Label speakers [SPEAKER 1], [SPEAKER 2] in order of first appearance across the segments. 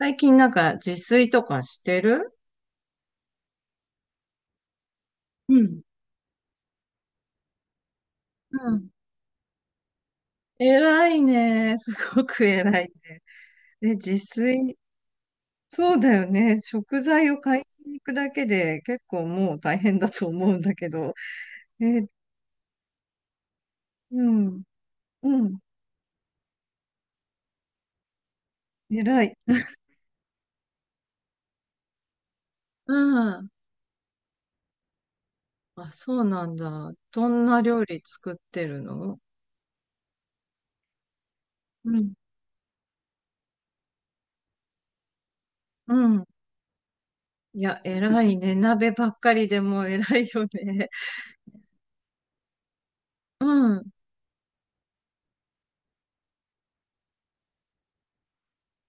[SPEAKER 1] 最近なんか自炊とかしてる？うん。うん。偉いね。すごく偉いね。で、自炊、そうだよね。食材を買いに行くだけで結構もう大変だと思うんだけど。えーうん、うん、偉い。うん。あ、そうなんだ。どんな料理作ってるの？うん、うん。いや、偉いね。鍋ばっかりでも偉いよね。うん、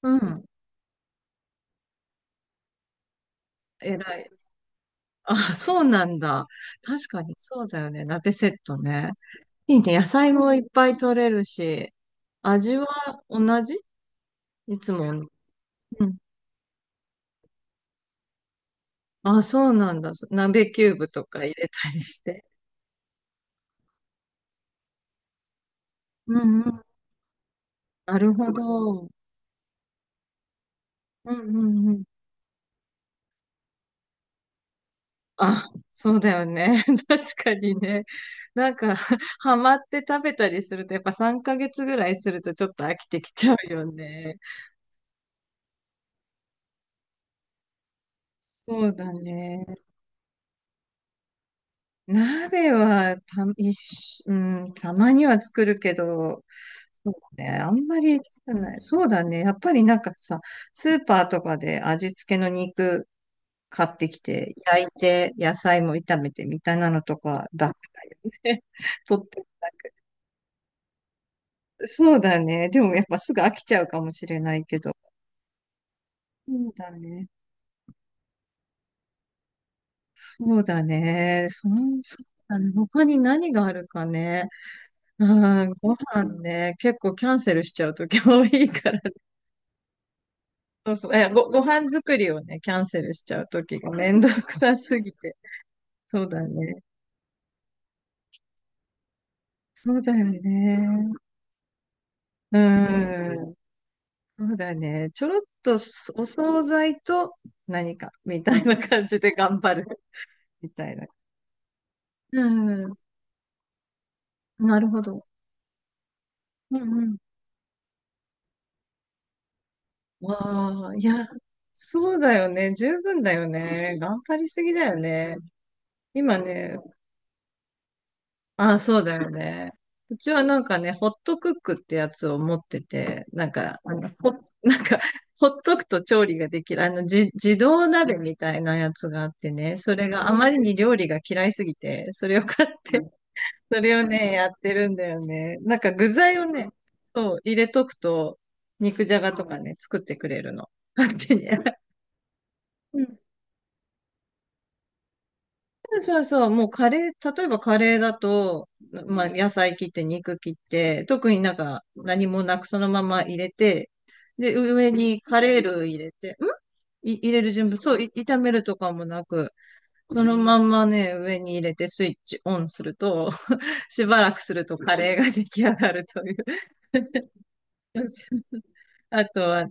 [SPEAKER 1] うん。偉い。あ、そうなんだ。確かにそうだよね。鍋セットね。いいね。野菜もいっぱい取れるし、味は同じ？いつも？うん。あ、そうなんだ。鍋キューブとか入れたりして。うんうん。なるほど。うんうんうん。あ、そうだよね。確かにね。なんか、ハマって食べたりすると、やっぱ3ヶ月ぐらいするとちょっと飽きてきちゃうよね。そうだね。鍋はた、一しうん、たまには作るけど、そうね、あんまり作らない。そうだね。やっぱりなんかさ、スーパーとかで味付けの肉買ってきて、焼いて、野菜も炒めてみたいなのとか楽で取 って。そうだね。でもやっぱすぐ飽きちゃうかもしれないけど。そうだね。そうだね。そうだね。他に何があるかね。うん、ご飯ね。結構キャンセルしちゃうとき多いから。そうそう。ご飯作りをね、キャンセルしちゃうときがめんどくさすぎて。そうだね。そうだよね。うん。そうだね。ちょろっとお惣菜と何かみたいな感じで頑張るみたいな。うん。なるほど。うんうん。わあ、いや、そうだよね。十分だよね。頑張りすぎだよね。今ね、あ、そうだよね。うちはなんかね、ホットクックってやつを持ってて、なんか、なんか、ほっとくと調理ができる、自動鍋みたいなやつがあってね、それがあまりに料理が嫌いすぎて、それを買って、それをね、やってるんだよね。なんか具材をね、そう、入れとくと、肉じゃがとかね、作ってくれるの。勝手に。そうそう、もうカレー、例えばカレーだと、まあ野菜切って肉切って、特になんか何もなくそのまま入れて、で、上にカレールー入れて、入れる準備、そう、炒めるとかもなく、そのまんまね、上に入れてスイッチオンすると、しばらくするとカレーが出来上がるという。あとは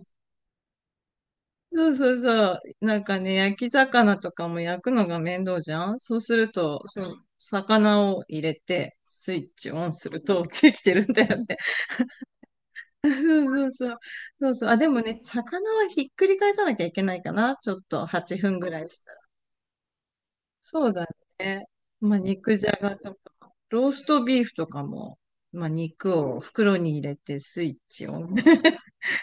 [SPEAKER 1] そうそうそう。なんかね、焼き魚とかも焼くのが面倒じゃん。そうすると、その魚を入れて、スイッチオンするとできてるんだよね。そうそうそう。そうそう。あ、でもね、魚はひっくり返さなきゃいけないかな。ちょっと8分ぐらいしたら。そうだね。まあ、肉じゃがとか、ローストビーフとかも、まあ、肉を袋に入れてスイッチオン。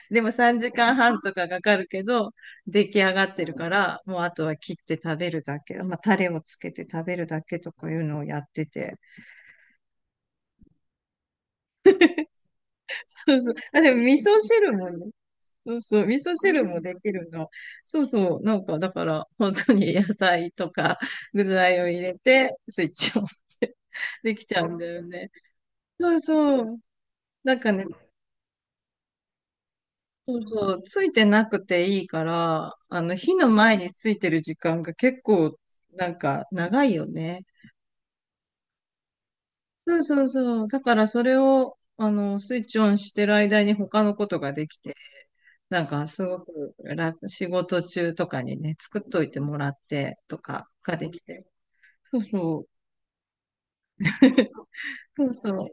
[SPEAKER 1] でも3時間半とかかかるけど、出来上がってるから、もうあとは切って食べるだけ、まあ、タレをつけて食べるだけとかいうのをやってて。そうそう。あ、でも味噌汁もね。そうそう。味噌汁もできるの。そうそう。なんか、だから、本当に野菜とか具材を入れて、スイッチを押してできちゃうんだよね。そうそう。なんかね、そうそう、ついてなくていいから、火の前についてる時間が結構、なんか、長いよね。そうそうそう。だから、それを、スイッチオンしてる間に他のことができて、なんか、すごく楽、仕事中とかにね、作っといてもらってとかができて。そうそう。そうそう。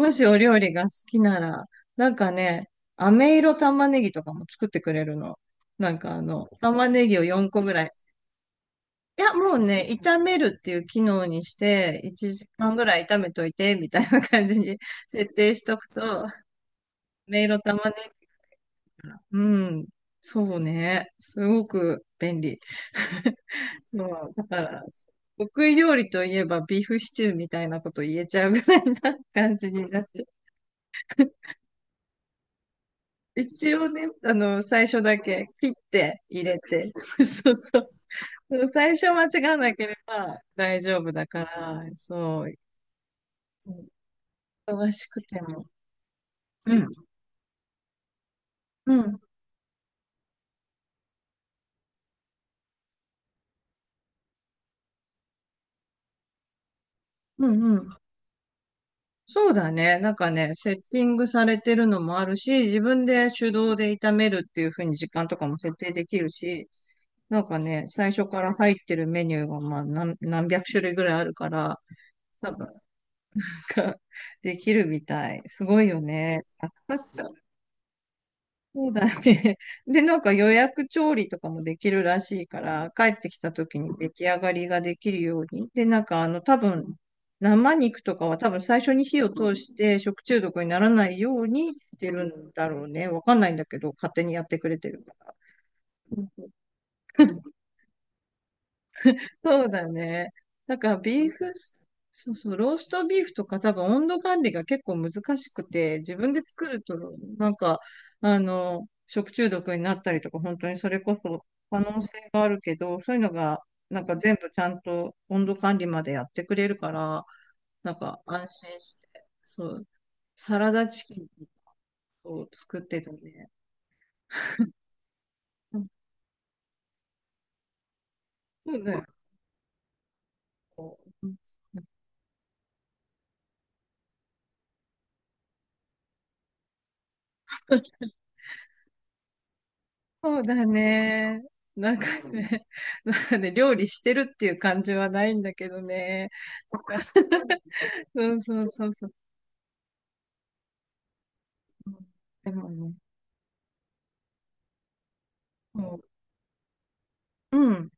[SPEAKER 1] もしお料理が好きなら、なんかね、飴色玉ねぎとかも作ってくれるの。なんか玉ねぎを4個ぐらい。いや、もうね、炒めるっていう機能にして、1時間ぐらい炒めといて、みたいな感じに 設定しとくと、メイロ玉ねぎから。うん。そうね。すごく便利。そう、だから、得意料理といえばビーフシチューみたいなこと言えちゃうぐらいな感じになっちゃう。一応ね、最初だけ切って入れて、そうそう。最初間違わなければ大丈夫だから、そう。忙しくても。うん。うん。うんうん。そうだね。なんかね、セッティングされてるのもあるし、自分で手動で炒めるっていう風に時間とかも設定できるし、なんかね、最初から入ってるメニューがまあ何百種類ぐらいあるから、多分なんかできるみたい。すごいよね。っちゃうそうだね。で、なんか予約調理とかもできるらしいから、帰ってきた時に出来上がりができるように。で、なんか多分、生肉とかは多分最初に火を通して食中毒にならないようにしてるんだろうね。わかんないんだけど、勝手にやってくれてるから。そうだね。なんかビーフス、そうそう、ローストビーフとか多分温度管理が結構難しくて、自分で作ると、なんか、食中毒になったりとか、本当にそれこそ可能性があるけど、そういうのが、なんか全部ちゃんと温度管理までやってくれるから、なんか安心して、そう、サラダチキンを作ってたね。うん、そうだよ。そうだね。なんかね、なんかね、料理してるっていう感じはないんだけどね。なんか そうそうそうそう。でもね、そう。うん。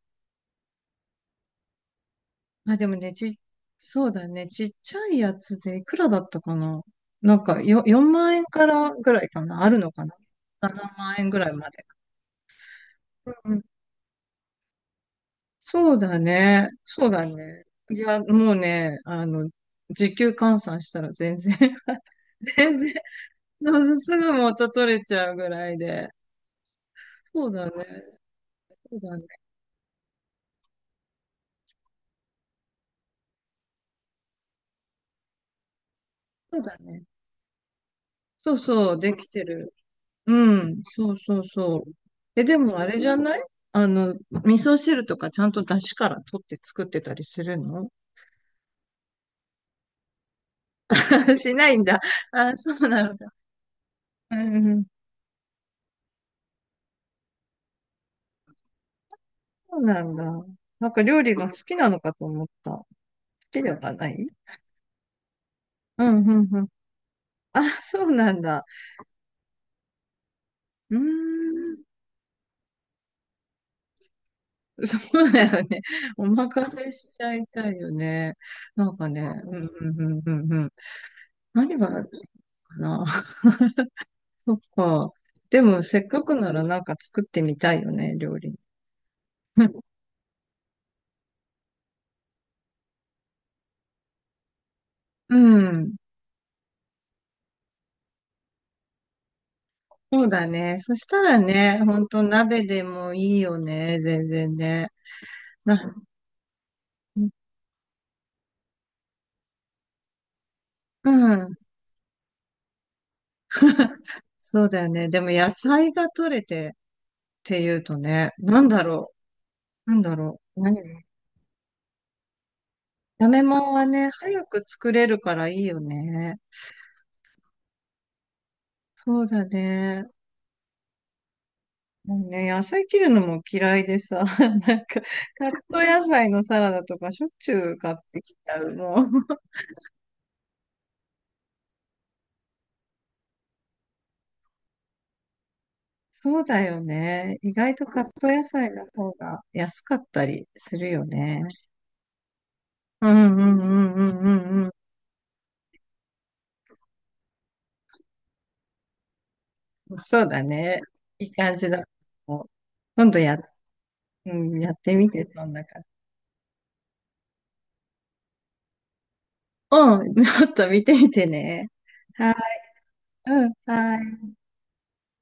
[SPEAKER 1] あ、でもね、そうだね。ちっちゃいやつでいくらだったかな。なんかよ、4万円からぐらいかなあるのかな ?7 万円ぐらいまで。うん。そうだね。そうだね。いや、もうね、時給換算したら全然 全然、そう、 すぐ元取れちゃうぐらいで。そうだね。そうだね。そうだね。そうそう、できてる。うん、そうそうそう。え、でもあれじゃない？あの、味噌汁とかちゃんと出汁から取って作ってたりするの？ しないんだ。あ、そうなんだ。うんうん、そうなんだ。なんか料理が好きなのかと思った。好きではない？うん、うん、うん。あ、そうなんだ。うーん。そうだよね。お任せしちゃいたいよね。なんかね、うんうんうんうんうん。何があるかな。そっか。でも、せっかくならなんか作ってみたいよね、料理。うん。そうだね。そしたらね、ほんと鍋でもいいよね、全然ね。な、うん。そうだよね。でも野菜が取れてっていうとね、なんだろう。なんだろう。何。炒め物はね、早く作れるからいいよね。そうだね。もうね、野菜切るのも嫌いでさ、なんか、カット野菜のサラダとかしょっちゅう買ってきちゃう、もう。そうだよね。意外とカット野菜の方が安かったりするよね。うんうんうんうんうんうん。そうだね。いい感じだ。もう今度や、うん、やってみて、そんな感じ。うん、ちょっと見てみてね。はい、うん、はい。